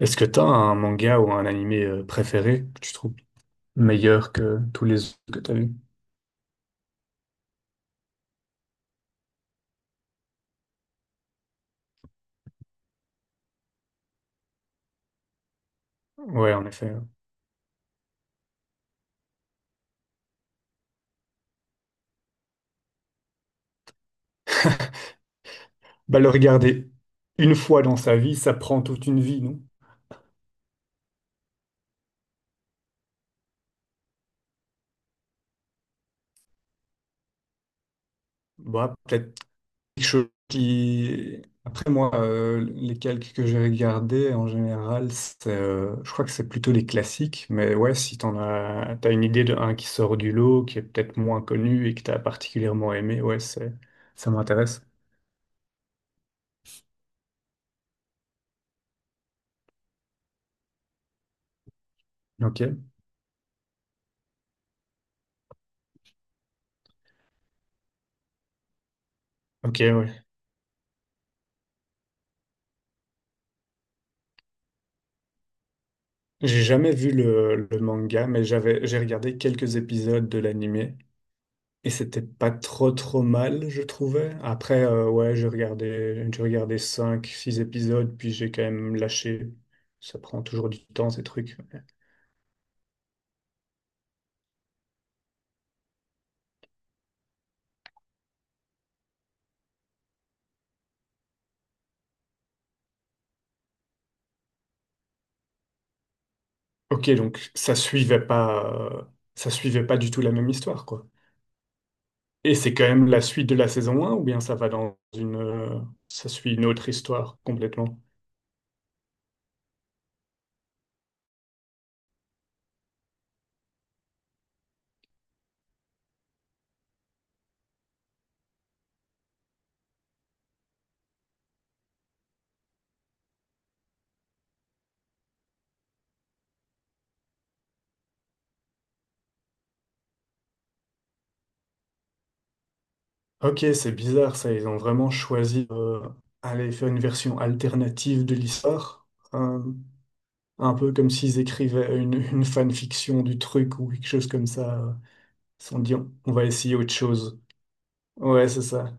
Est-ce que t'as un manga ou un animé préféré que tu trouves meilleur que tous les autres que t'as vus? Ouais, en effet. Ouais. Bah, le regarder une fois dans sa vie, ça prend toute une vie, non? Bah, peut-être quelque chose qui... Après, moi, les calques que j'ai regardés, en général, c'est, je crois que c'est plutôt les classiques. Mais ouais, si t'en as, t'as une idée d'un qui sort du lot, qui est peut-être moins connu et que t'as particulièrement aimé, ouais, ça m'intéresse. Ok. Ok, ouais. J'ai jamais vu le manga, mais j'ai regardé quelques épisodes de l'animé et c'était pas trop trop mal, je trouvais. Après, ouais, j'ai regardé 5 6 épisodes, puis j'ai quand même lâché. Ça prend toujours du temps, ces trucs. Ok, donc euh, ça suivait pas du tout la même histoire, quoi. Et c'est quand même la suite de la saison un ou bien ça suit une autre histoire complètement? Ok, c'est bizarre ça. Ils ont vraiment choisi d'aller faire une version alternative de l'histoire. Euh, un peu comme s'ils écrivaient une fanfiction du truc ou quelque chose comme ça. Ils se sont dit, on va essayer autre chose. Ouais, c'est ça.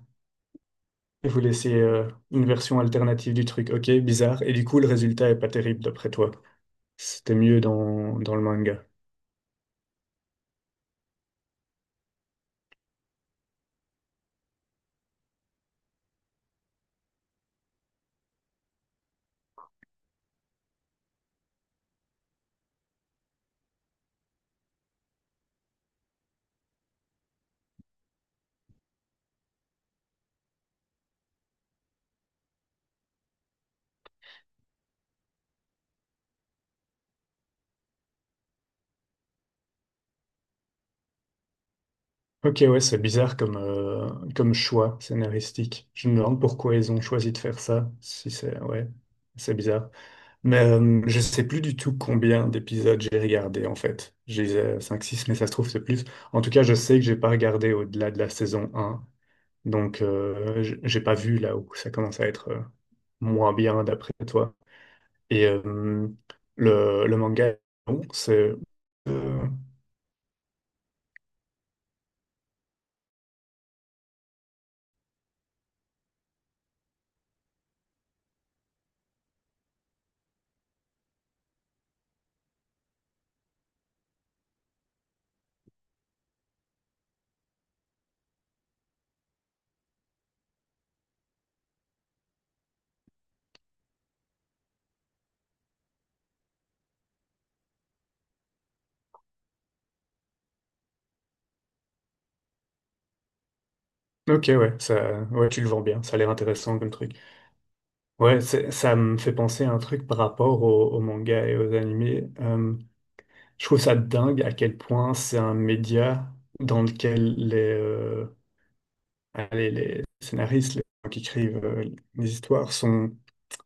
Ils voulaient essayer une version alternative du truc. Ok, bizarre. Et du coup, le résultat est pas terrible d'après toi. C'était mieux dans le manga. Ok, ouais, c'est bizarre comme choix scénaristique. Je me demande pourquoi ils ont choisi de faire ça. Si c'est, Ouais, c'est bizarre. Mais je sais plus du tout combien d'épisodes j'ai regardé en fait. J'ai cinq six, mais ça se trouve c'est plus. En tout cas, je sais que j'ai pas regardé au-delà de la saison un. Donc j'ai pas vu là où ça commence à être moins bien d'après toi. Et le manga, bon, c'est... euh, ok, ouais, ouais, tu le vends bien, ça a l'air intéressant comme truc. Ouais, ça me fait penser à un truc par rapport au manga et aux animés. Je trouve ça dingue à quel point c'est un média dans lequel allez, les scénaristes, les gens qui écrivent les histoires sont,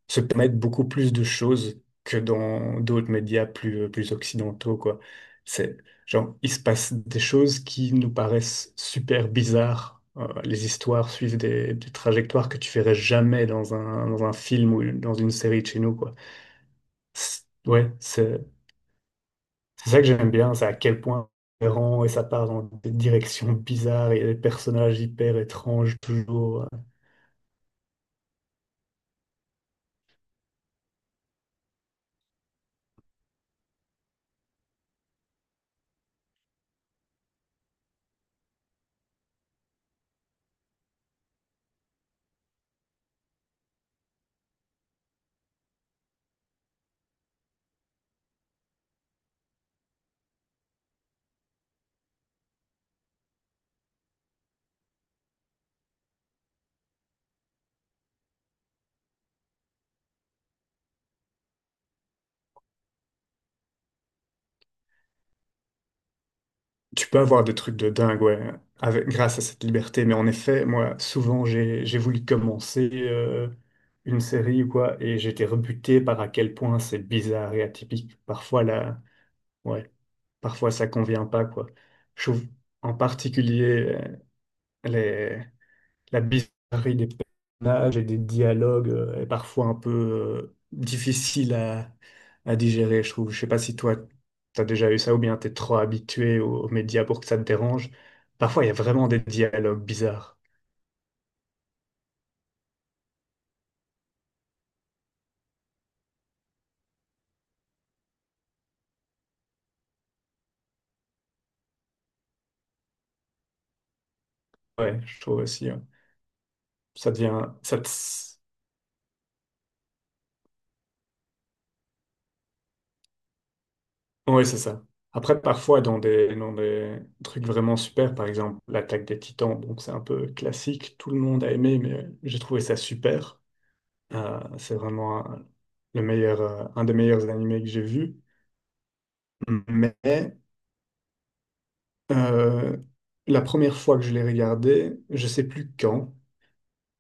se permettent beaucoup plus de choses que dans d'autres médias plus occidentaux, quoi. C'est, genre, il se passe des choses qui nous paraissent super bizarres. Les histoires suivent des trajectoires que tu verrais jamais dans un film ou dans une série de chez nous, quoi. C'est- Ouais, c'est ça que j'aime bien, c'est à quel point c'est errant et ça part dans des directions bizarres et des personnages hyper étranges toujours. Tu peux avoir des trucs de dingue, ouais, grâce à cette liberté. Mais en effet, moi, souvent, j'ai voulu commencer une série ou quoi, et j'étais rebuté par à quel point c'est bizarre et atypique. Parfois, là, ouais, parfois ça convient pas, quoi. Je trouve en particulier les, la bizarrerie des personnages et des dialogues est parfois un peu difficile à digérer, je trouve. Je sais pas si toi, t'as déjà eu ça ou bien t'es trop habitué aux médias pour que ça te dérange. Parfois, il y a vraiment des dialogues bizarres. Ouais, je trouve aussi. Ouais. Ça devient... Ouais, c'est ça. Après, parfois, dans des trucs vraiment super, par exemple, l'attaque des Titans, donc c'est un peu classique, tout le monde a aimé, mais j'ai trouvé ça super. C'est vraiment le meilleur, un des meilleurs animés que j'ai vu. Mais euh, la première fois que je l'ai regardé, je sais plus quand,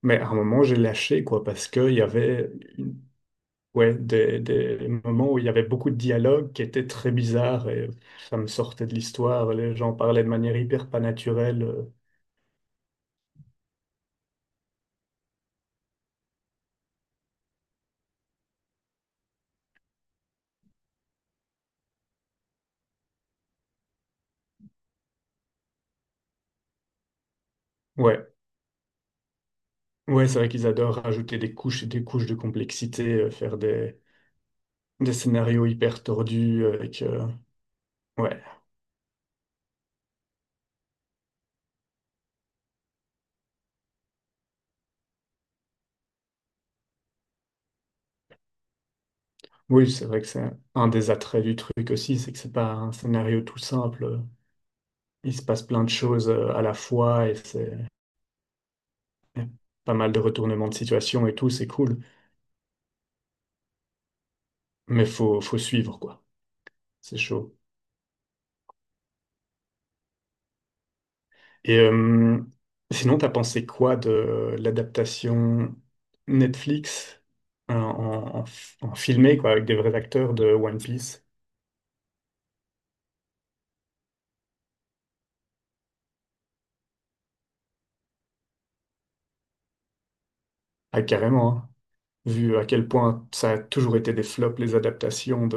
mais à un moment j'ai lâché quoi parce que il y avait une- ouais, des moments où il y avait beaucoup de dialogues qui étaient très bizarres et ça me sortait de l'histoire. Les gens parlaient de manière hyper pas naturelle. Ouais, ouais, c'est vrai qu'ils adorent ajouter des couches et des couches de complexité, faire des scénarios hyper tordus avec ouais. Oui, c'est vrai que c'est un des attraits du truc aussi, c'est que c'est pas un scénario tout simple. Il se passe plein de choses à la fois et c'est pas mal de retournements de situation et tout, c'est cool. Mais faut suivre, quoi. C'est chaud. Et sinon, t'as pensé quoi de l'adaptation Netflix en, en, en- en filmé, quoi, avec des vrais acteurs de One Piece? Ah, carrément, hein. Vu à quel point ça a toujours été des flops, les adaptations.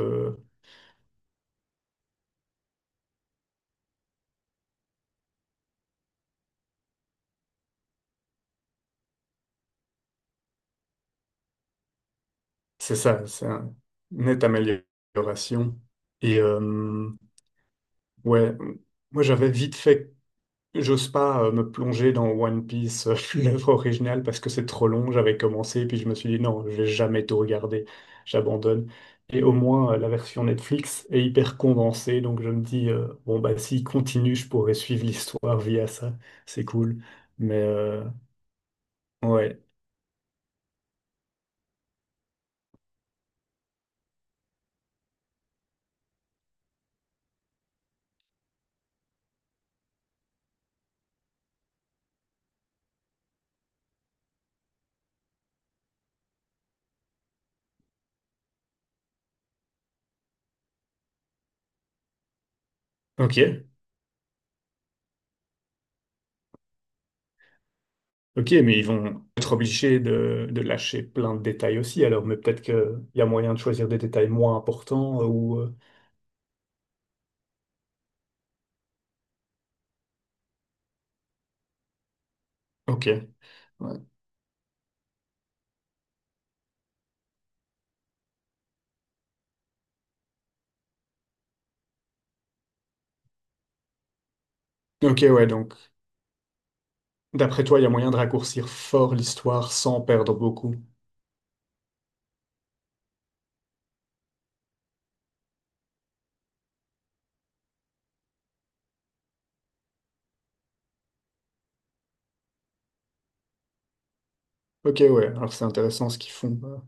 C'est ça, c'est un- Une nette amélioration. Et ouais, moi j'avais vite fait, j'ose pas me plonger dans One Piece, l'œuvre originale, parce que c'est trop long. J'avais commencé, puis je me suis dit non, je vais jamais tout regarder, j'abandonne. Et au moins, la version Netflix est hyper condensée, donc je me dis, bon, bah s'il continue, je pourrais suivre l'histoire via ça, c'est cool. Mais ouais, ok. Ok, mais ils vont être obligés de lâcher plein de détails aussi, alors, mais peut-être qu'il y a moyen de choisir des détails moins importants ou... Ok. Ouais. Ok, ouais, donc, d'après toi, il y a moyen de raccourcir fort l'histoire sans perdre beaucoup. Ok, ouais, alors c'est intéressant ce qu'ils font.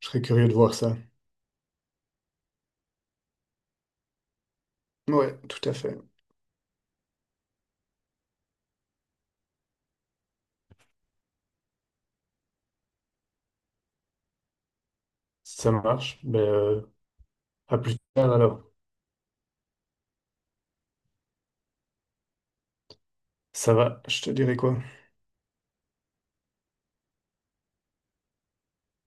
Je serais curieux de voir ça. Ouais, tout à fait. Ça marche. Ben, à plus tard alors. Ça va, je te dirai quoi.